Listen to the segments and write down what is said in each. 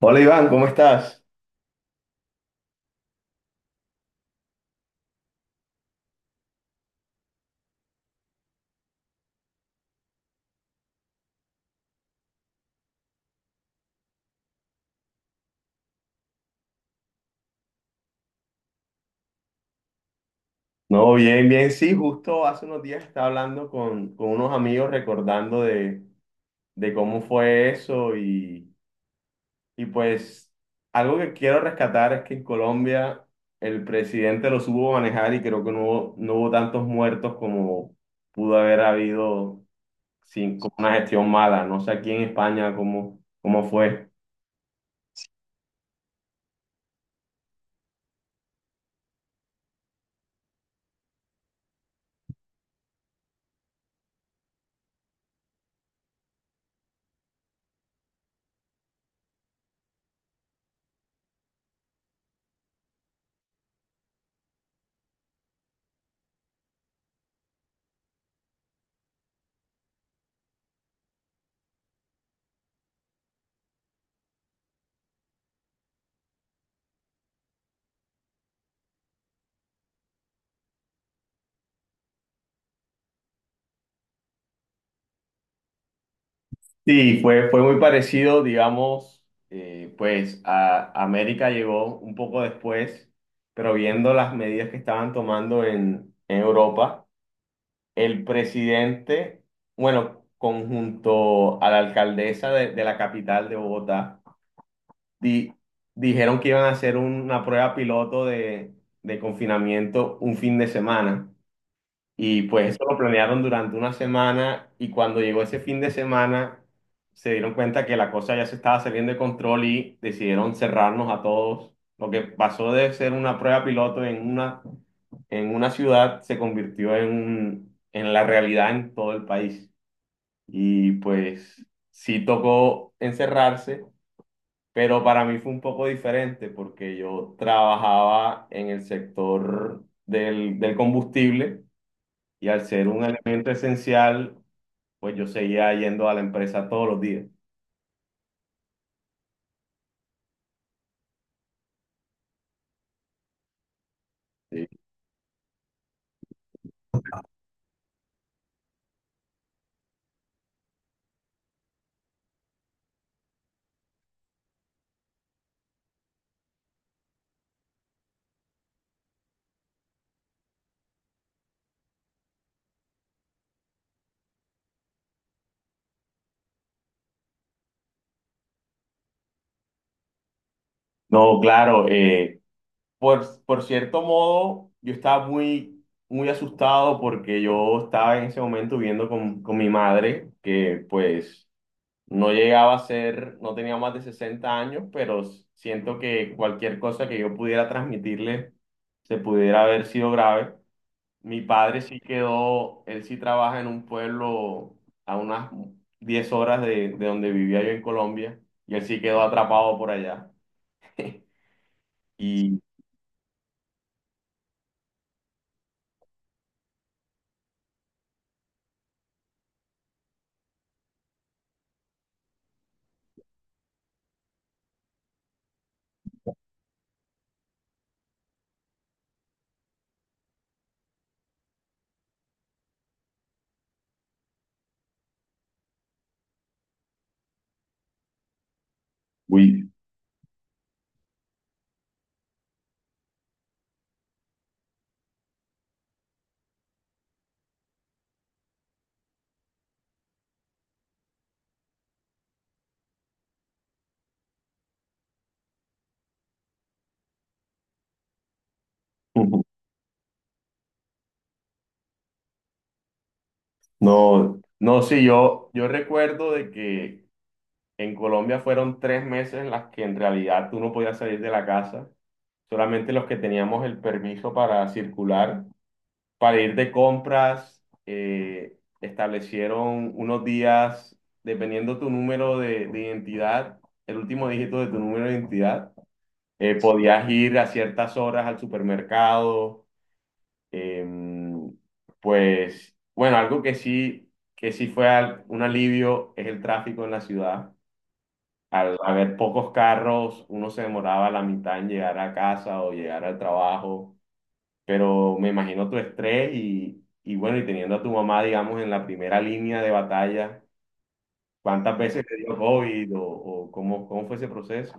Hola Iván, ¿cómo estás? No, bien, bien. Sí, justo hace unos días estaba hablando con unos amigos recordando de cómo fue eso y pues algo que quiero rescatar es que en Colombia el presidente lo supo manejar y creo que no hubo tantos muertos como pudo haber habido sin, con una gestión mala. No sé aquí en España cómo fue. Sí, fue muy parecido, digamos, pues a América llegó un poco después, pero viendo las medidas que estaban tomando en Europa, el presidente, bueno, conjunto a la alcaldesa de la capital de Bogotá, di- dijeron que iban a hacer una prueba piloto de confinamiento un fin de semana. Y pues eso lo planearon durante una semana y cuando llegó ese fin de semana se dieron cuenta que la cosa ya se estaba saliendo de control y decidieron cerrarnos a todos. Lo que pasó de ser una prueba piloto en una ciudad se convirtió en la realidad en todo el país. Y pues sí tocó encerrarse, pero para mí fue un poco diferente porque yo trabajaba en el sector del combustible. Y al ser un elemento esencial, pues yo seguía yendo a la empresa todos los días. Sí. No, claro, por cierto modo, yo estaba muy, muy asustado porque yo estaba en ese momento viviendo con mi madre, que pues no llegaba a ser, no tenía más de 60 años, pero siento que cualquier cosa que yo pudiera transmitirle se pudiera haber sido grave. Mi padre sí quedó, él sí trabaja en un pueblo a unas 10 horas de donde vivía yo en Colombia, y él sí quedó atrapado por allá. Y, uy. No, no, sí, yo recuerdo de que en Colombia fueron 3 meses en las que en realidad tú no podías salir de la casa, solamente los que teníamos el permiso para circular para ir de compras. Eh, establecieron unos días, dependiendo tu número de identidad, el último dígito de tu número de identidad, podías ir a ciertas horas al supermercado. em, pues, bueno, algo que sí fue un alivio es el tráfico en la ciudad. Al haber pocos carros, uno se demoraba la mitad en llegar a casa o llegar al trabajo, pero me imagino tu estrés y bueno, y teniendo a tu mamá, digamos, en la primera línea de batalla, ¿cuántas veces te dio COVID o cómo fue ese proceso?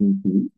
Ujú.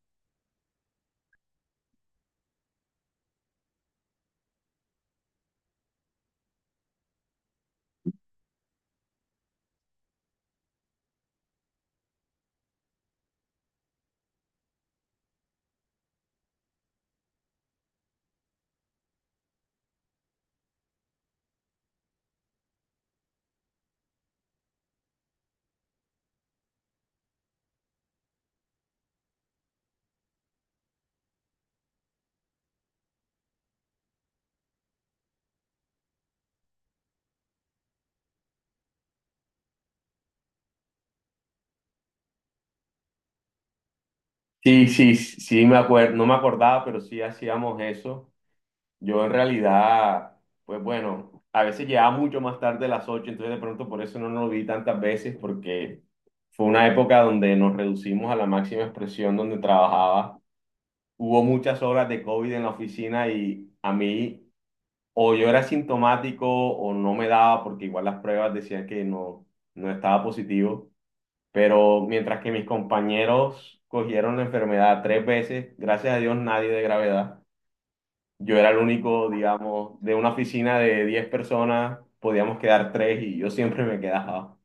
Sí, sí, sí, me acuerdo, no me acordaba, pero sí hacíamos eso. Yo en realidad, pues bueno, a veces llegaba mucho más tarde de las 8, entonces de pronto por eso no nos vi tantas veces, porque fue una época donde nos reducimos a la máxima expresión donde trabajaba. Hubo muchas horas de COVID en la oficina y a mí o yo era asintomático o no me daba, porque igual las pruebas decían que no, no estaba positivo, pero mientras que mis compañeros cogieron la enfermedad tres veces, gracias a Dios nadie de gravedad, yo era el único, digamos, de una oficina de 10 personas, podíamos quedar tres y yo siempre me quedaba.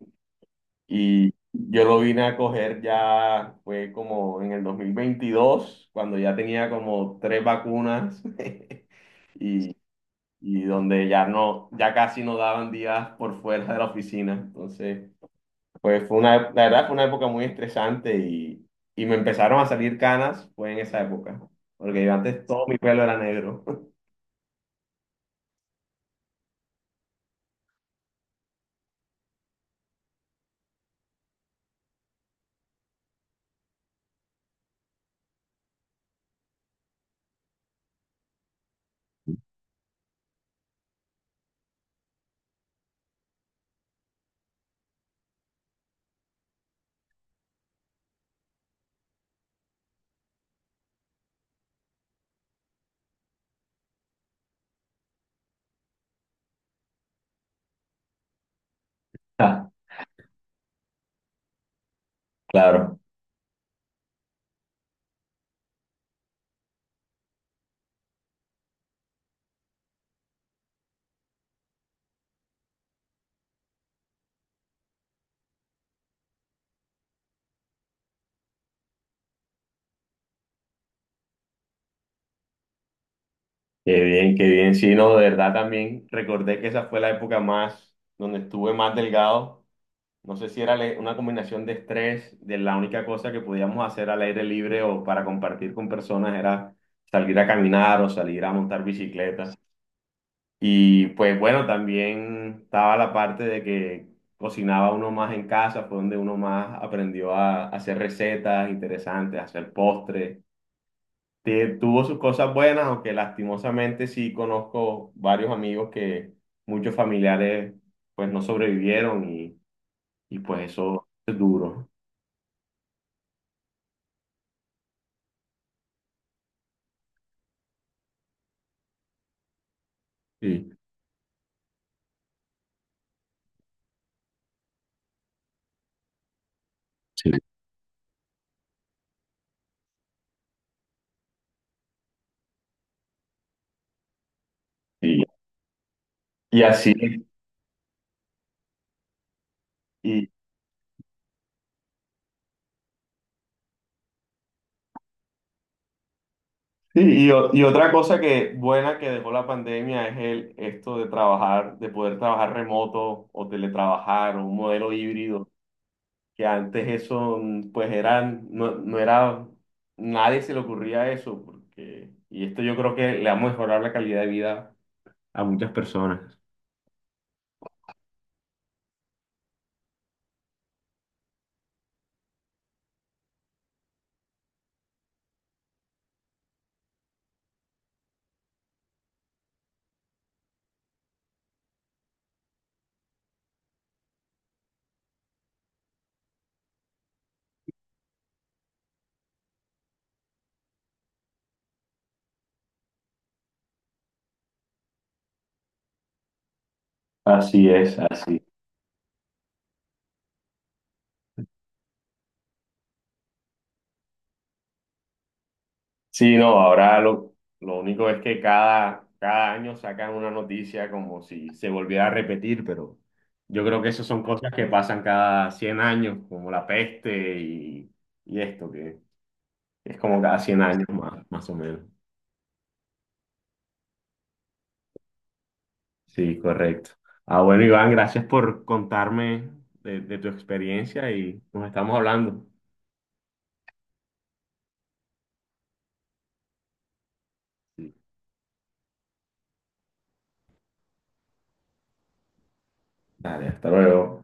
Y yo lo vine a coger ya, fue como en el 2022 cuando ya tenía como tres vacunas. Y y donde ya no, ya casi no daban días por fuera de la oficina. Entonces, pues la verdad fue una época muy estresante y me empezaron a salir canas, fue en esa época, porque yo antes todo mi pelo era negro. Ah, claro, qué bien, qué bien. Sí, no, de verdad también recordé que esa fue la época más, donde estuve más delgado. No sé si era una combinación de estrés; de la única cosa que podíamos hacer al aire libre o para compartir con personas era salir a caminar o salir a montar bicicleta. Y pues bueno, también estaba la parte de que cocinaba uno más en casa, fue donde uno más aprendió a hacer recetas interesantes, a hacer postres. Tuvo sus cosas buenas, aunque lastimosamente sí conozco varios amigos que muchos familiares pues no sobrevivieron y pues eso es duro. Sí. Sí. Y, y así. y, Sí. Y otra cosa que buena que dejó la pandemia es el esto de trabajar, de poder trabajar remoto o teletrabajar o un modelo híbrido, que antes eso pues eran, no, no era, nadie se le ocurría eso, porque, y esto yo creo que le va a mejorar la calidad de vida a muchas personas. Así es, así. Sí, no, ahora lo único es que cada año sacan una noticia como si se volviera a repetir, pero yo creo que esas son cosas que pasan cada 100 años, como la peste y esto, que es como cada 100 años más, más o menos. Sí, correcto. Ah, bueno, Iván, gracias por contarme de tu experiencia y nos estamos hablando. Sí. Dale, hasta luego.